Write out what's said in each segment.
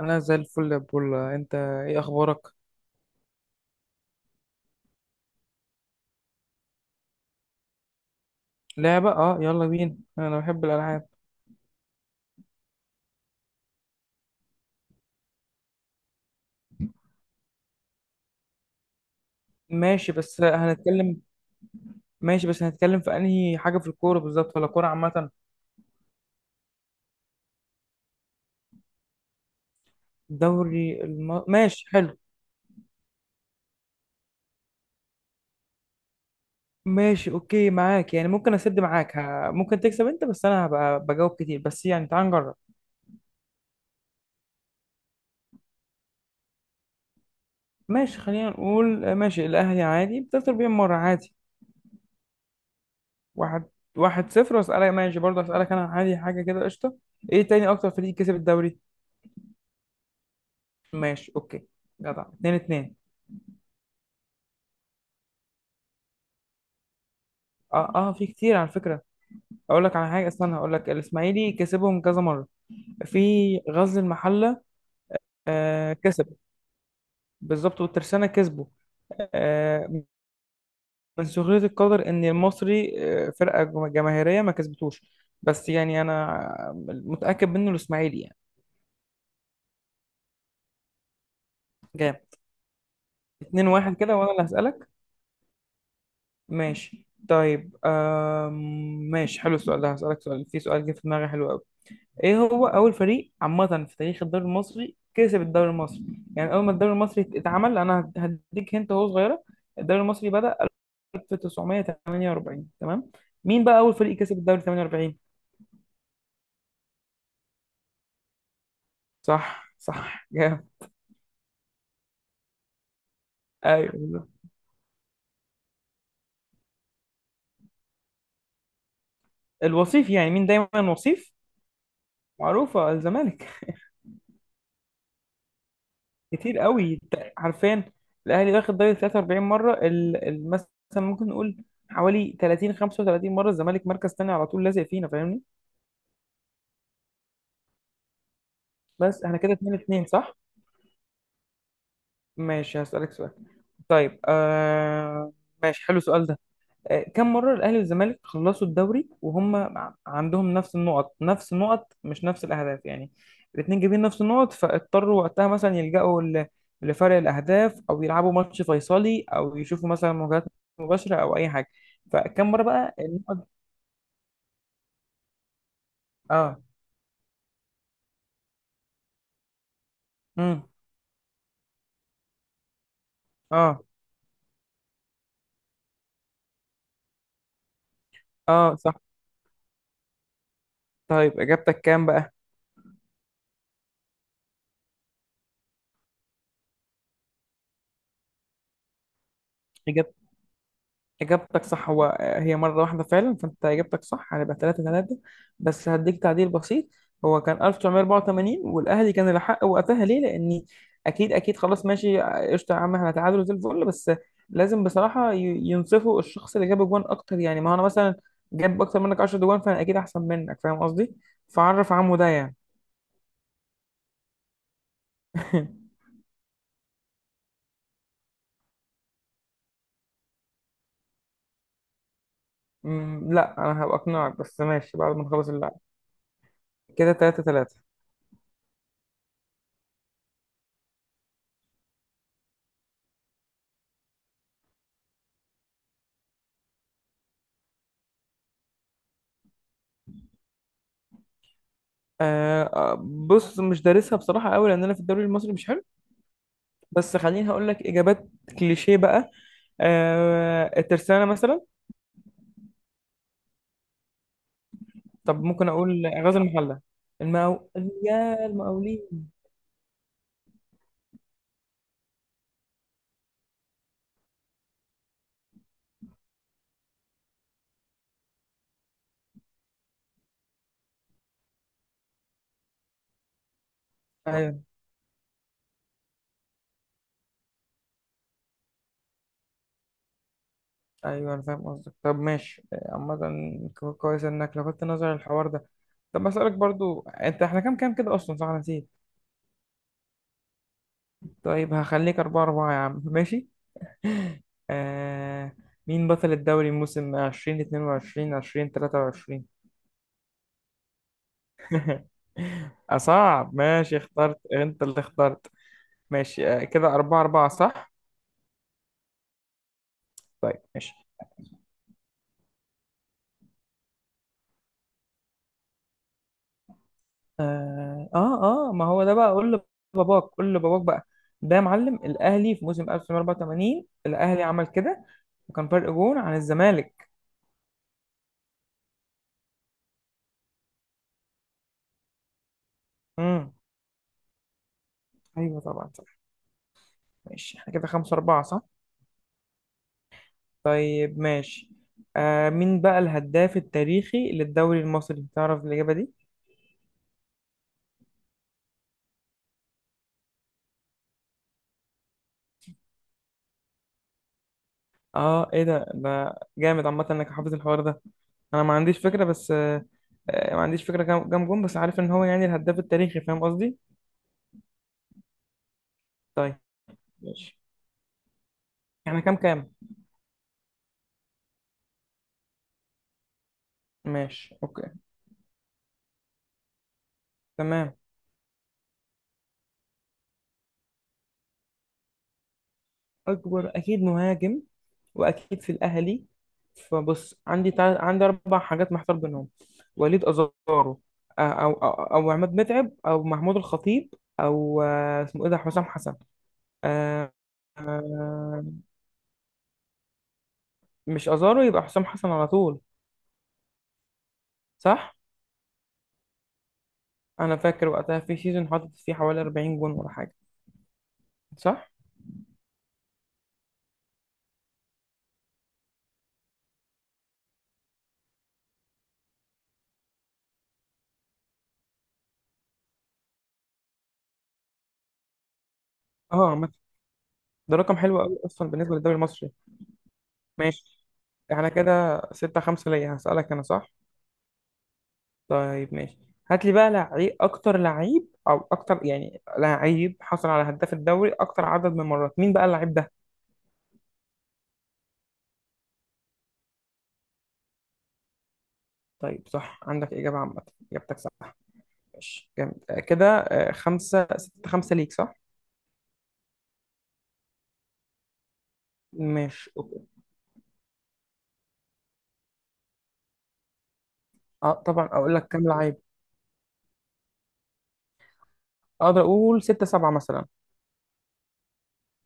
انا زي الفل يا بولا، انت ايه اخبارك؟ لعبة، يلا بينا، انا بحب الالعاب. ماشي بس هنتكلم. ماشي بس هنتكلم في انهي حاجة في الكورة بالظبط ولا كورة عامة؟ دوري ماشي حلو. ماشي اوكي معاك، يعني ممكن اسد معاك ممكن تكسب انت، بس انا هبقى بجاوب كتير، بس يعني تعال نجرب. ماشي خلينا نقول، ماشي الاهلي، عادي بتخسر بيهم مرة عادي. واحد واحد صفر، واسألك ماشي، برضه اسألك انا عادي حاجة كده قشطة. ايه تاني اكتر فريق كسب الدوري؟ ماشي اوكي. جدع، اتنين اتنين. اه اه، في كتير على فكره. اقول لك على حاجه، استنى هقول لك الاسماعيلي كسبهم كذا مره. في غزل المحله. آه كسب، بالظبط، والترسانه كسبوا. آه، من سخريه القدر ان المصري، فرقه جماهيريه، ما كسبتوش. بس يعني انا متاكد منه الاسماعيلي يعني. جامد، 2-1 كده، وانا اللي هسالك. ماشي طيب، ماشي حلو السؤال ده، هسالك سؤال، في سؤال جه في دماغي حلو قوي. ايه هو اول فريق عامه في تاريخ الدوري المصري كسب الدوري المصري؟ يعني اول ما الدوري المصري اتعمل، انا هديك هنت وهو صغيره، الدوري المصري بدأ 1948 تمام. مين بقى اول فريق كسب الدوري 48؟ صح صح، جامد. ايوه بالظبط. الوصيف يعني، مين دايما وصيف؟ معروفه، الزمالك. كتير قوي، عارفين الاهلي واخد دوري 43 مره، مثلا ممكن نقول حوالي 30 35 مره، الزمالك مركز تاني على طول، لازق فينا فاهمني. بس احنا كده 2 2 صح. ماشي هسألك سؤال. طيب ماشي حلو السؤال ده. آه، كم مرة الأهلي والزمالك خلصوا الدوري وهم عندهم نفس النقط، نفس النقط مش نفس الأهداف يعني؟ الاتنين جايبين نفس النقط، فاضطروا وقتها مثلا يلجأوا لفرق الأهداف، أو يلعبوا ماتش فيصلي، أو يشوفوا مثلا مواجهات مباشرة، أو أي حاجة. فكم مرة بقى النقط؟ اه. امم. اه اه صح. طيب إجابتك كام بقى؟ إجابتك صح، هو هي مرة واحدة فعلا، فأنت إجابتك صح، هنبقى تلاتة تلاتة. بس هديك تعديل بسيط، هو كان 1984، والأهلي كان الأحق وقتها ليه؟ لأن أكيد أكيد خلاص، ماشي قشطة يا عم، احنا تعادل زي الفل، بس لازم بصراحة ينصفوا الشخص اللي جاب أجوان أكتر. يعني ما هو أنا مثلا جاب أكتر منك 10 أجوان، فأنا أكيد أحسن منك، فاهم قصدي؟ فعرف عمه ده يعني. أمم، لا أنا هبقى أقنعك، بس ماشي بعد ما نخلص اللعب. كده تلاتة تلاتة. آه آه، بص مش دارسها بصراحة قوي، لأن أنا في الدوري المصري مش، بس خليني هقول لك اجابات كليشيه بقى. آه الترسانه مثلا. طب ممكن اقول غزل المحله. المقاو، يا المقاولين. ايوه، ايوه انا فاهم قصدك. طب ماشي، عامه كويس انك لفتت نظر الحوار ده. طب اسالك برضو انت، احنا كام كام كده اصلا؟ صح أنا نسيت. طيب هخليك اربعة اربعة يا عم، ماشي. آه، مين بطل الدوري موسم 20 22 20 23؟ أصعب؟ ماشي، اخترت، أنت اللي اخترت. ماشي، كده أربعة أربعة صح؟ طيب ماشي. آه آه، ما هو ده بقى، قول لباباك، قول لباباك بقى. ده يا معلم الأهلي في موسم 1984 الأهلي عمل كده، وكان فرق جون عن الزمالك. امم. أيوه طبعا صح. ماشي احنا كده خمسة أربعة صح؟ طيب ماشي. آه، مين بقى الهداف التاريخي للدوري المصري؟ تعرف الإجابة دي؟ اه، ايه ده ده، جامد عامة انك حافظ الحوار ده. انا ما عنديش فكرة، بس ما عنديش فكرة كام كام جون، بس عارف ان هو يعني الهداف التاريخي، فاهم قصدي. طيب ماشي، احنا كام كام؟ ماشي اوكي. تمام، اكبر اكيد مهاجم، واكيد في الاهلي. فبص عندي عندي اربع حاجات محتار بينهم: وليد ازارو، او او او عماد متعب، او محمود الخطيب، او اسمه ايه ده، حسام حسن. آه، آه، مش ازارو، يبقى حسام حسن على طول. صح، انا فاكر وقتها في سيزون حاطط فيه حوالي 40 جون ولا حاجه. صح. اه عامة، ده رقم حلو قوي اصلا بالنسبه للدوري المصري. ماشي احنا كده 6 5 ليا، هسألك انا صح. طيب ماشي. هات لي بقى لعيب اكتر لعيب، او اكتر يعني لعيب حصل على هداف الدوري اكتر عدد من مرات. مين بقى اللعيب ده؟ طيب صح عندك اجابه عامه، اجابتك صح. ماشي جامد، كده خمسة ستة خمسة ليك صح. ماشي اوكي. اه طبعا، اقول لك كام لعيب؟ اقدر اقول ستة سبعة مثلا.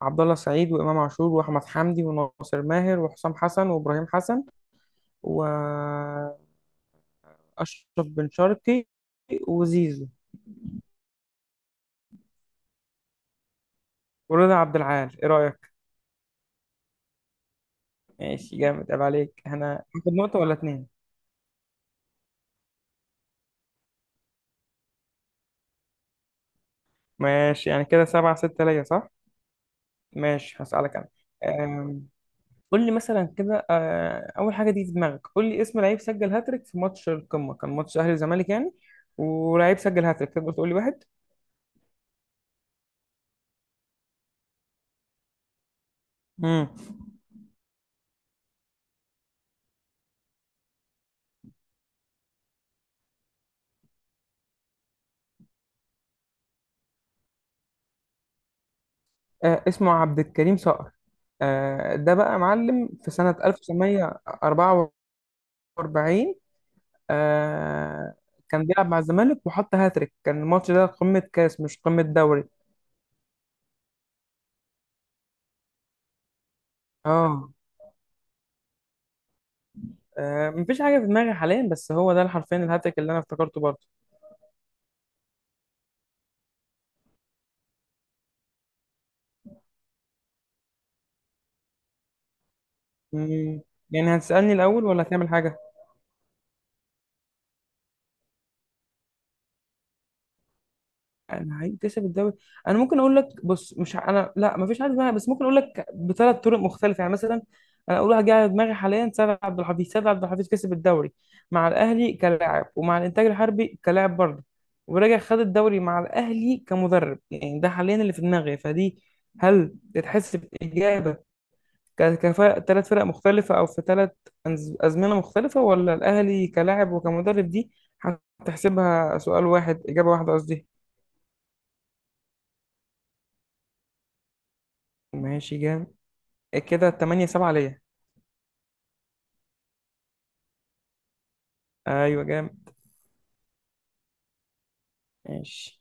عبد الله سعيد، وامام عاشور، واحمد حمدي، وناصر ماهر، وحسام حسن، وابراهيم حسن، واشرف بن شرقي، وزيزو، ورضا عبد العال، ايه رايك؟ ماشي جامد، عيب عليك، انا هاخد نقطه ولا اتنين؟ ماشي يعني كده سبعة ستة ليا صح. ماشي هسألك انا. أم، قول لي مثلا كده، اول حاجه دي في دماغك، قول لي اسم لعيب سجل هاتريك في ماتش القمه، كان ماتش اهلي وزمالك يعني، ولعيب سجل هاتريك، تقدر تقول لي واحد؟ امم. آه، اسمه عبد الكريم صقر. آه، ده بقى معلم في سنة 1944. آه، كان بيلعب مع الزمالك وحط هاتريك، كان الماتش ده قمة كاس مش قمة دوري. اه، آه، مفيش حاجة في دماغي حاليا، بس هو ده حرفيا الهاتريك اللي أنا افتكرته برضه. مم، يعني هتسألني الأول ولا هتعمل حاجة؟ انا هيكتسب الدوري، انا ممكن اقول لك، بص مش انا لا ما فيش حد معايا، بس ممكن اقول لك بثلاث طرق مختلفه يعني. مثلا انا اقول حاجه على دماغي حاليا، سيد عبد الحفيظ، سيد عبد الحفيظ كسب الدوري مع الاهلي كلاعب، ومع الانتاج الحربي كلاعب برضه، ورجع خد الدوري مع الاهلي كمدرب، يعني ده حاليا اللي في دماغي. فدي هل تتحسب اجابه كفاءة ثلاث فرق مختلفة، أو في ثلاث أزمنة مختلفة، ولا الأهلي كلاعب وكمدرب دي هتحسبها سؤال واحد إجابة واحدة قصدي؟ ماشي جامد، كده 8 7 ليا. ايوه جامد. ماشي.